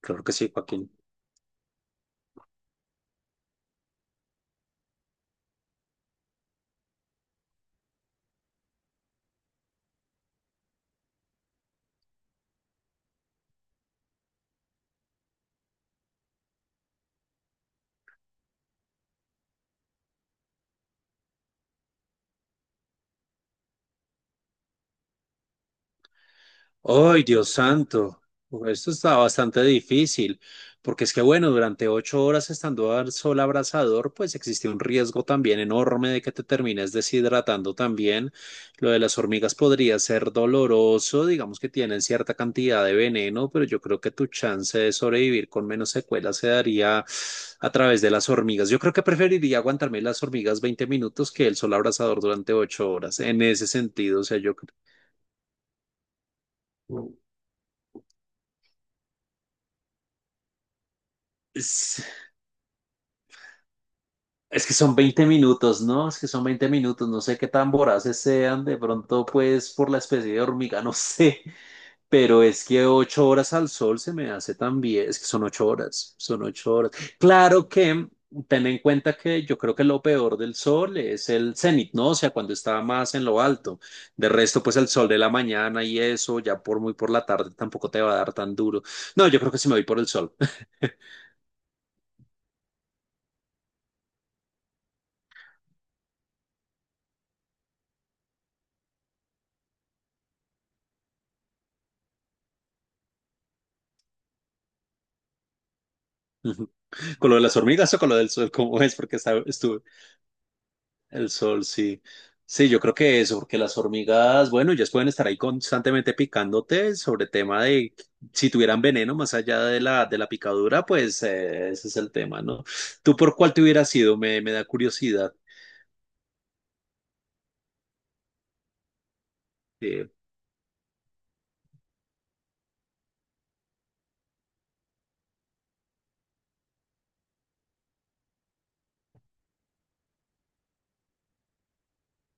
Claro que sí, Joaquín. ¡Ay, Dios santo! Esto está bastante difícil, porque es que, bueno, durante 8 horas estando al sol abrasador, pues existe un riesgo también enorme de que te termines deshidratando también. Lo de las hormigas podría ser doloroso, digamos que tienen cierta cantidad de veneno, pero yo creo que tu chance de sobrevivir con menos secuelas se daría a través de las hormigas. Yo creo que preferiría aguantarme las hormigas 20 minutos que el sol abrasador durante 8 horas, en ese sentido, o sea, yo creo. Es, es que son 20 minutos, ¿no? Es que son 20 minutos, no sé qué tan voraces sean, de pronto pues por la especie de hormiga, no sé, pero es que 8 horas al sol se me hace también, es que son 8 horas, son 8 horas. Claro que ten en cuenta que yo creo que lo peor del sol es el cenit, ¿no? O sea, cuando está más en lo alto. De resto, pues el sol de la mañana y eso, ya por muy por la tarde tampoco te va a dar tan duro. No, yo creo que sí me voy por el sol. Ujú. Con lo de las hormigas o con lo del sol, ¿cómo es? Porque estuve, el sol, sí. Sí, yo creo que eso, porque las hormigas, bueno, ellas pueden estar ahí constantemente picándote sobre tema de si tuvieran veneno más allá de la picadura, pues ese es el tema, ¿no? ¿Tú por cuál te hubieras ido? Me da curiosidad eh,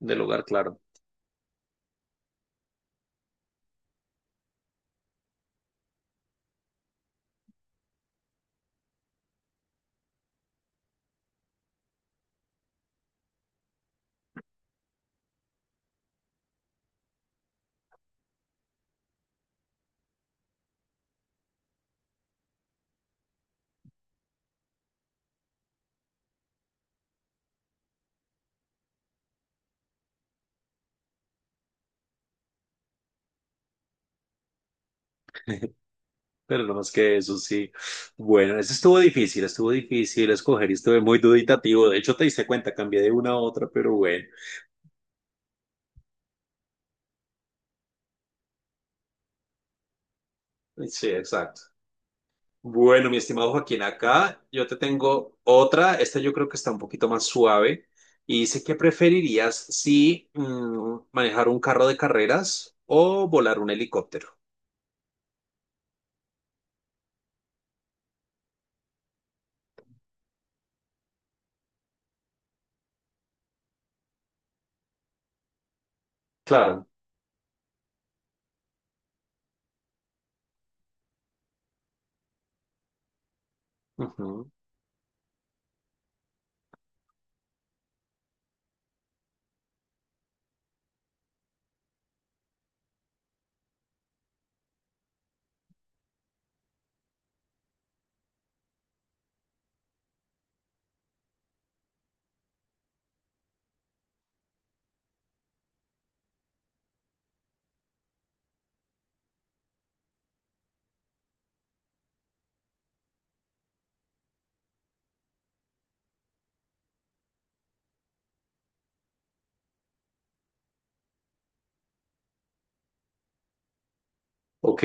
del hogar, claro. Pero no más que eso, sí. Bueno, eso estuvo difícil escoger y estuve muy duditativo. De hecho, te diste cuenta, cambié de una a otra, pero bueno. Sí, exacto. Bueno, mi estimado Joaquín, acá yo te tengo otra. Esta yo creo que está un poquito más suave. Y dice que preferirías si manejar un carro de carreras o volar un helicóptero. Claro. Ujú. Ok.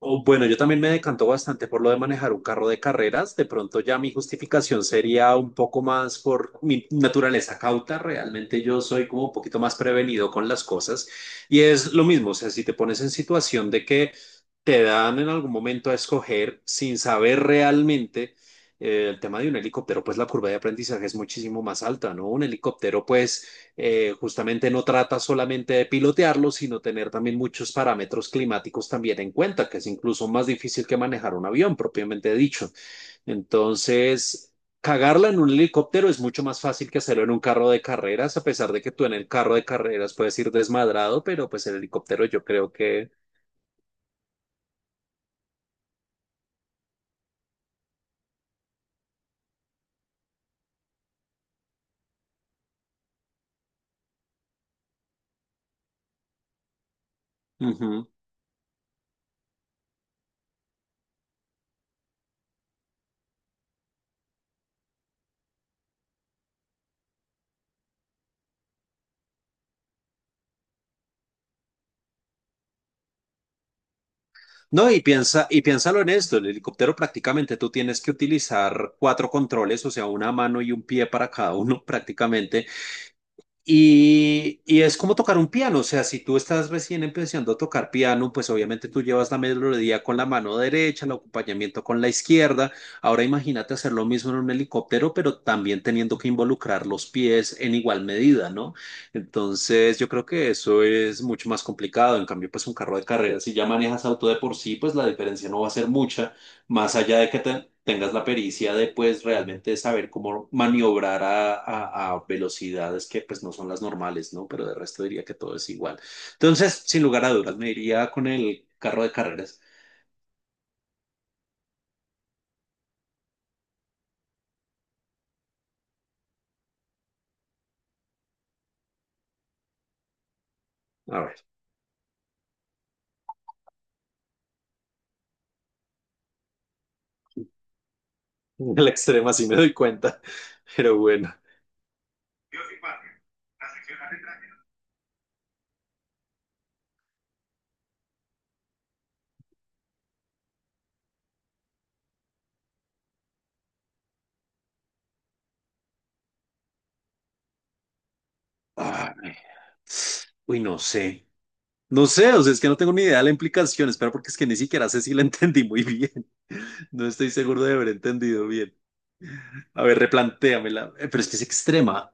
O, bueno, yo también me decanto bastante por lo de manejar un carro de carreras. De pronto ya mi justificación sería un poco más por mi naturaleza cauta. Realmente yo soy como un poquito más prevenido con las cosas. Y es lo mismo, o sea, si te pones en situación de que te dan en algún momento a escoger sin saber realmente el tema de un helicóptero, pues la curva de aprendizaje es muchísimo más alta, ¿no? Un helicóptero, pues justamente no trata solamente de pilotearlo, sino tener también muchos parámetros climáticos también en cuenta, que es incluso más difícil que manejar un avión, propiamente dicho. Entonces, cagarla en un helicóptero es mucho más fácil que hacerlo en un carro de carreras, a pesar de que tú en el carro de carreras puedes ir desmadrado, pero pues el helicóptero yo creo que... Ujú. No, y piensa, y piénsalo en esto, el helicóptero prácticamente tú tienes que utilizar cuatro controles, o sea, una mano y un pie para cada uno prácticamente, y es como tocar un piano, o sea, si tú estás recién empezando a tocar piano, pues obviamente tú llevas la melodía con la mano derecha, el acompañamiento con la izquierda. Ahora imagínate hacer lo mismo en un helicóptero, pero también teniendo que involucrar los pies en igual medida, ¿no? Entonces yo creo que eso es mucho más complicado. En cambio, pues un carro de carreras si ya manejas auto de por sí, pues la diferencia no va a ser mucha más allá de que tengas la pericia de pues realmente saber cómo maniobrar a velocidades que pues no son las normales, ¿no? Pero de resto diría que todo es igual. Entonces, sin lugar a dudas, me iría con el carro de carreras. A ver, en el extremo sí me doy cuenta, pero bueno. Ay, uy, no sé. No sé, o sea, es que no tengo ni idea de la implicación, espera, porque es que ni siquiera sé si la entendí muy bien. No estoy seguro de haber entendido bien. A ver, replantéamela. Pero es que es extrema.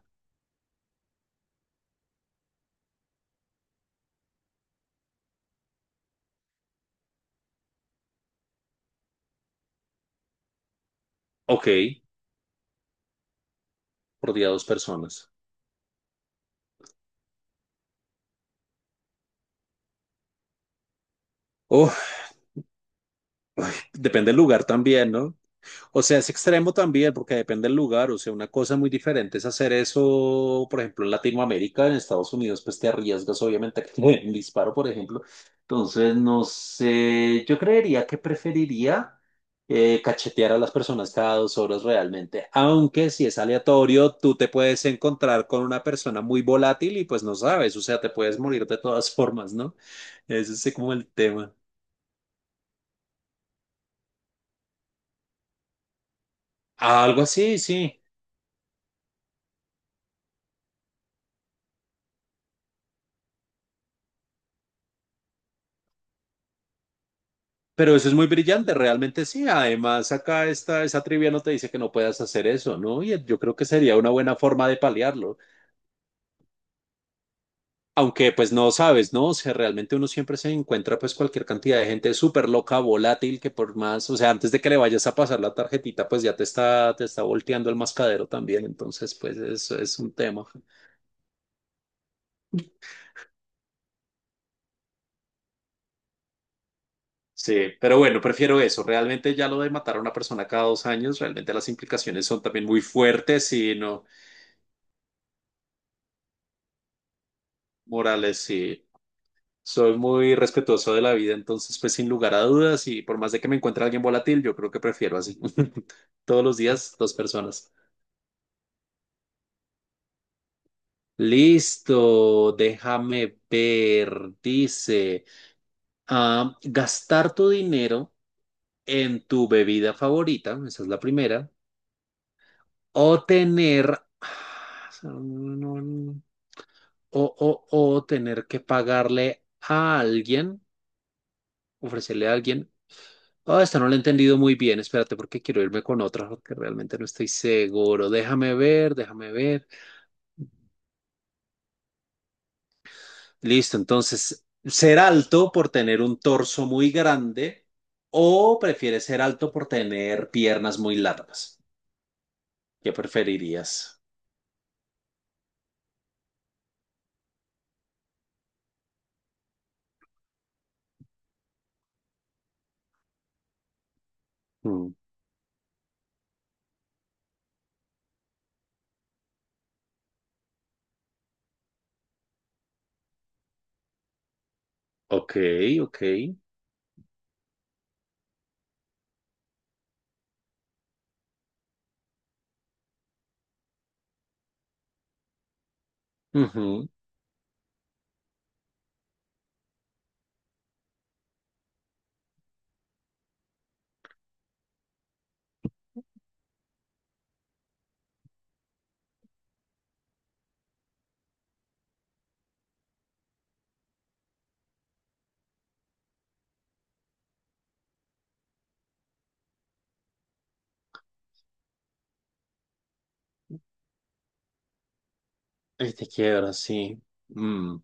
Ok, por día dos personas. Oh, depende del lugar también, ¿no? O sea, es extremo también porque depende del lugar. O sea, una cosa muy diferente es hacer eso, por ejemplo, en Latinoamérica, en Estados Unidos, pues te arriesgas obviamente a que te den un disparo, por ejemplo. Entonces, no sé, yo creería que preferiría cachetear a las personas cada 2 horas realmente. Aunque si es aleatorio, tú te puedes encontrar con una persona muy volátil y pues no sabes, o sea, te puedes morir de todas formas, ¿no? Ese es como el tema. Algo así, sí. Pero eso es muy brillante, realmente sí. Además, acá esta, esa trivia no te dice que no puedas hacer eso, ¿no? Y yo creo que sería una buena forma de paliarlo. Aunque pues no sabes, ¿no? O sea, realmente uno siempre se encuentra pues cualquier cantidad de gente súper loca, volátil, que por más, o sea, antes de que le vayas a pasar la tarjetita, pues ya te está volteando el mascadero también. Entonces, pues eso es un tema. Sí, pero bueno, prefiero eso. Realmente ya lo de matar a una persona cada 2 años, realmente las implicaciones son también muy fuertes y no morales, sí. Soy muy respetuoso de la vida, entonces pues sin lugar a dudas y por más de que me encuentre alguien volátil, yo creo que prefiero así. Todos los días, dos personas. Listo, déjame ver. Dice, ah, gastar tu dinero en tu bebida favorita, esa es la primera, o tener, ah, no, no, no, o tener que pagarle a alguien, ofrecerle a alguien. Ah, esta no la he entendido muy bien. Espérate, porque quiero irme con otra, porque realmente no estoy seguro. Déjame ver, déjame ver. Listo, entonces, ¿ser alto por tener un torso muy grande o prefieres ser alto por tener piernas muy largas? ¿Qué preferirías? Mm, ok, ok. Ujú. Ahí te quiero, sí. Mm.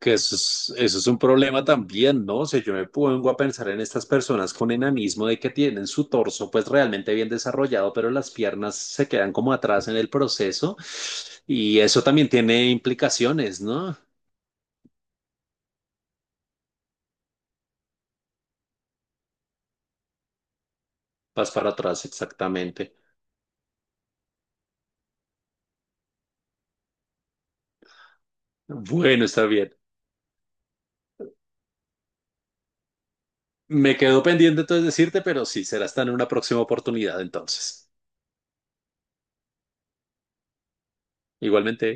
Que eso es un problema también, ¿no? O sea, yo me pongo a pensar en estas personas con enanismo de que tienen su torso pues realmente bien desarrollado, pero las piernas se quedan como atrás en el proceso y eso también tiene implicaciones, ¿no? Vas para atrás, exactamente. Bueno, está bien. Me quedo pendiente entonces decirte, pero sí, será hasta en una próxima oportunidad entonces. Igualmente.